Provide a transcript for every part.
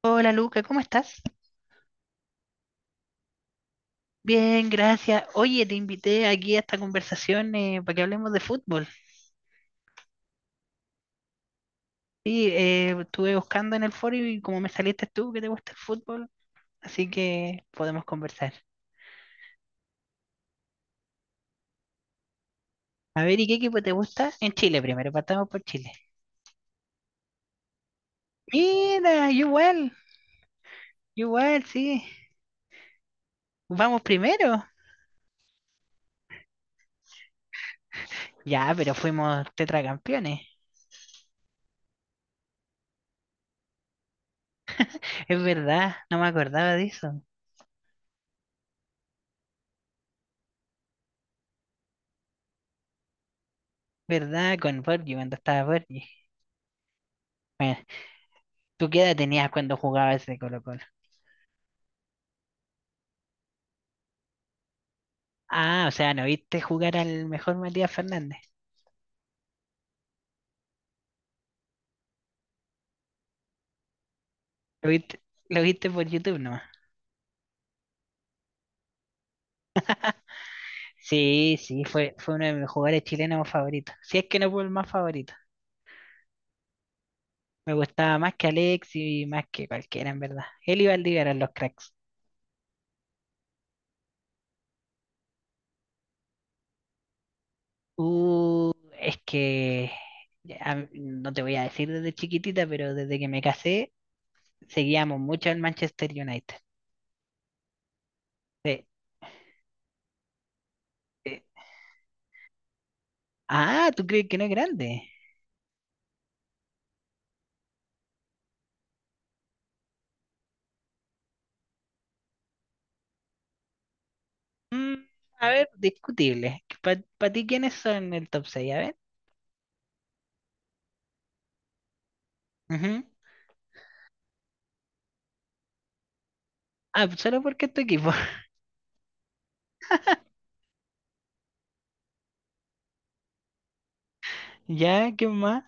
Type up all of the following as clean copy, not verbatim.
Hola Luca, ¿cómo estás? Bien, gracias. Oye, te invité aquí a esta conversación para que hablemos de fútbol. Sí, estuve buscando en el foro y como me saliste tú que te gusta el fútbol, así que podemos conversar. A ver, ¿y qué equipo te gusta? En Chile primero, partamos por Chile. Mira, yo igual, sí. Vamos primero. Ya, pero fuimos tetracampeones. Es verdad, no me acordaba de eso. ¿Verdad? Con Borgi, cuando estaba Borgi. Bueno, ¿tú qué edad tenías cuando jugabas ese Colo-Colo? Ah, o sea, no viste jugar al mejor Matías Fernández. Lo viste, lo viste por YouTube nomás. Sí, sí, fue uno de mis jugadores chilenos favoritos. Si es que no fue el más favorito. Me gustaba más que Alex y más que cualquiera, en verdad. Él y Valdivia eran los cracks. Uh, es que ya, no te voy a decir desde chiquitita, pero desde que me casé, seguíamos mucho al Manchester United. Sí, sí. Ah, ¿tú crees que no es grande? Mm, a ver, discutible. ¿Para ti quiénes son el top 6? A ver. Ujú. Ah, pues solo porque es tu equipo. Ya, ¿qué más?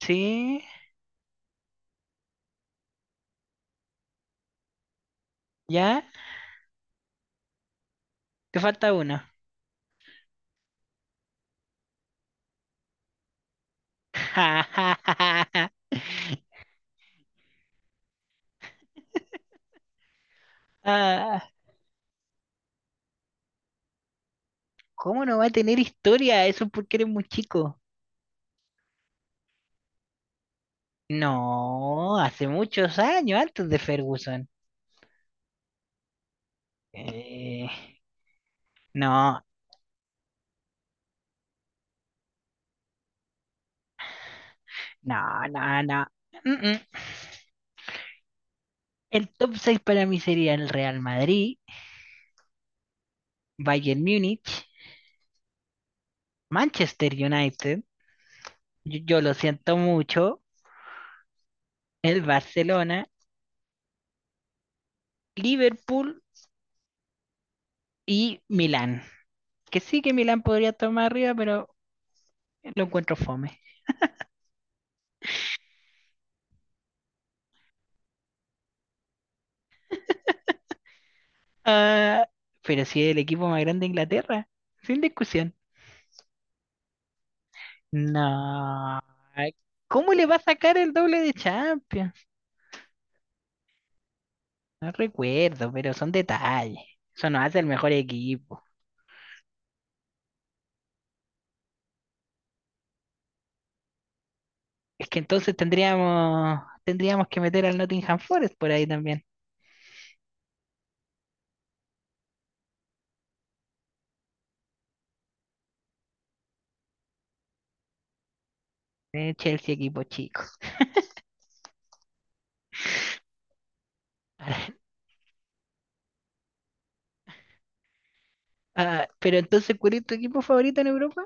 Sí, ya. Te falta uno. Ah, ¿cómo no va a tener historia? Eso es porque eres muy chico. No, hace muchos años, antes de Ferguson. Eh, no, no, no, no. Mm, mm. El top 6 para mí sería el Real Madrid, Bayern Múnich, Manchester United, yo lo siento mucho, el Barcelona, Liverpool y Milán, que sí que Milán podría tomar arriba, pero lo encuentro fome. Ah, pero si es el equipo más grande de Inglaterra, sin discusión. No. ¿Cómo le va a sacar el doble de Champions? No recuerdo, pero son detalles. Eso nos hace el mejor equipo. Es que entonces tendríamos que meter al Nottingham Forest por ahí también. Chelsea equipo chico. Ah, pero entonces, ¿cuál es tu equipo favorito en Europa?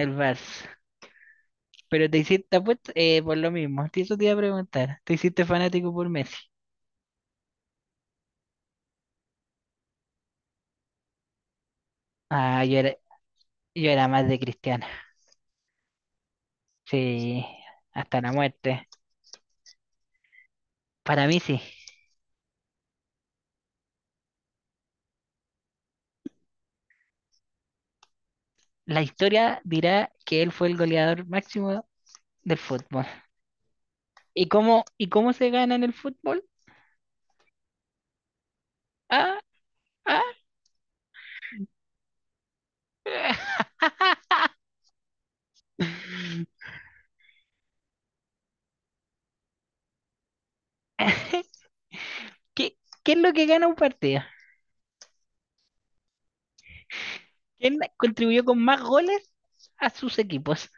El Barça. Pero te hiciste, te apuesto, por lo mismo, eso te iba a preguntar. ¿Te hiciste fanático por Messi? Ah, yo era más de Cristiano. Sí, hasta la muerte. Para mí sí. La historia dirá que él fue el goleador máximo del fútbol. ¿Y cómo se gana en el fútbol? Ah, ah. ¿Qué, qué es lo que gana un partido? ¿Quién contribuyó con más goles a sus equipos?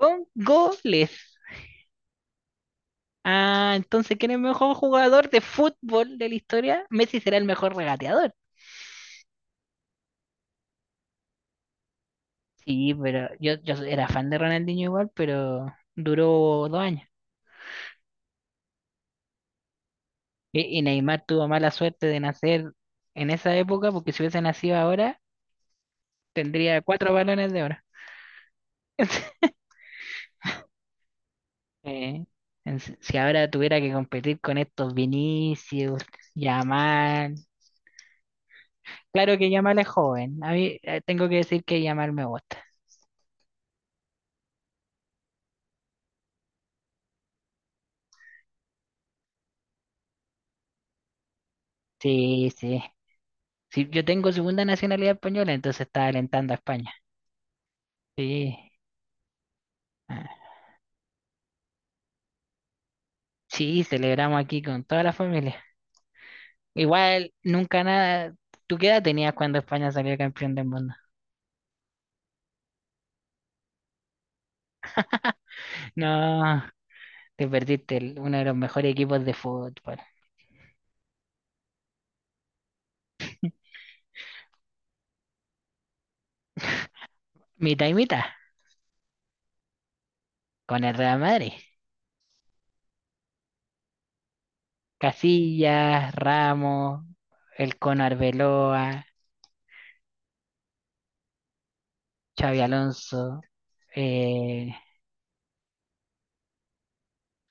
Con goles. Ah, entonces, ¿quién es el mejor jugador de fútbol de la historia? Messi será el mejor regateador. Sí, pero yo era fan de Ronaldinho igual, pero duró 2 años. Y Neymar tuvo mala suerte de nacer en esa época, porque si hubiese nacido ahora, tendría cuatro balones de oro. Eh, en si si ahora tuviera que competir con estos Vinicius, Yamal. Claro que Yamal es joven. A mí tengo que decir que Yamal me gusta. Sí, sí. Sí, yo tengo segunda nacionalidad española, entonces estaba alentando a España. Sí. Ah, sí, celebramos aquí con toda la familia. Igual, nunca nada. ¿Tú qué edad tenías cuando España salió campeón del mundo? No, te perdiste uno de los mejores equipos de fútbol. Mitad y mitad, con el Real Madrid. Casillas, Ramos, el Cono Arbeloa, Xavi Alonso. eh,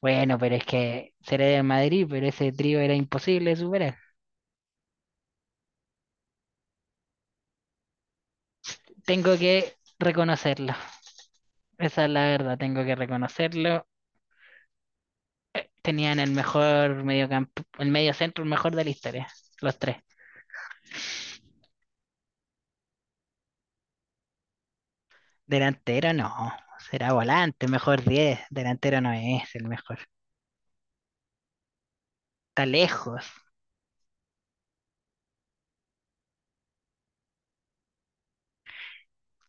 bueno, pero es que seré del Madrid, pero ese trío era imposible de superar. Tengo que reconocerlo. Esa es la verdad, tengo que reconocerlo. Tenían el mejor mediocampo el medio centro, el mejor de la historia, los tres. Delantero no, será volante, mejor 10. Delantero no es el mejor. Está lejos.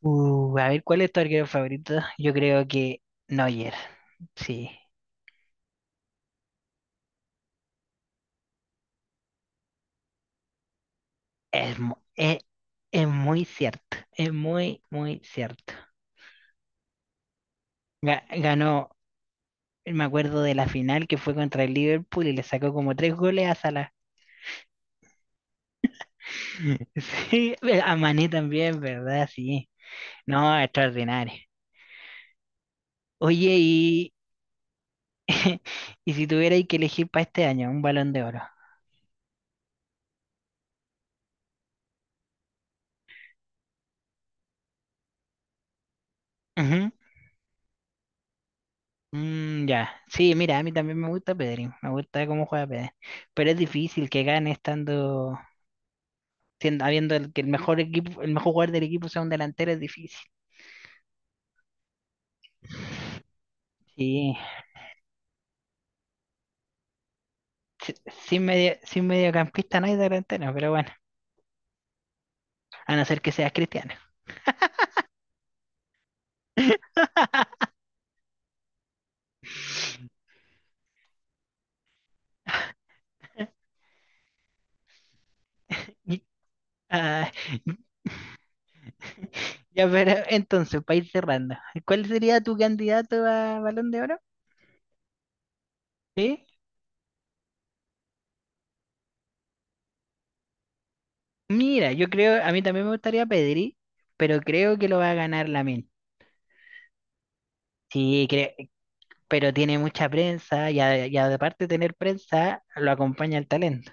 A ver, ¿cuál es tu arquero favorito? Yo creo que Neuer. Sí, es, mu- es, es muy cierto. Es muy, muy cierto. Ganó, me acuerdo de la final que fue contra el Liverpool y le sacó como tres goles a Salah. Sí, a Mané también, ¿verdad? Sí. No, extraordinario. Oye, y, y si tuvierais que elegir para este año un balón de oro. Ujú. Mm, ya. Sí, mira, a mí también me gusta Pedri. Me gusta cómo juega Pedri. Pero es difícil que gane estando, que el mejor equipo, el mejor jugador del equipo sea un delantero, es difícil. Sí. Si- Sin medio, sin mediocampista no hay delantero, pero bueno, a no ser que seas cristiano. Ah, Ya, pero entonces, para ir cerrando, ¿cuál sería tu candidato a Balón de Oro? Sí. Mira, yo creo, a mí también me gustaría Pedri, pero creo que lo va a ganar Lamine. Sí, creo, pero tiene mucha prensa y aparte de tener prensa, lo acompaña el talento.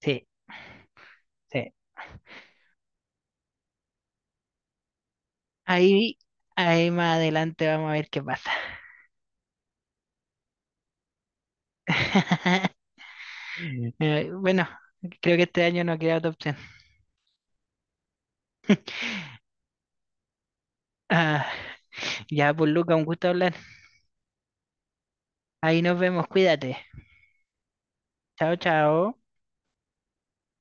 Sí, sí. Ahí, ahí más adelante vamos a ver qué pasa. Bueno, creo que este año no queda otra opción. Ah, ya, pues Luca, un gusto hablar. Ahí nos vemos, cuídate. Chao, chao.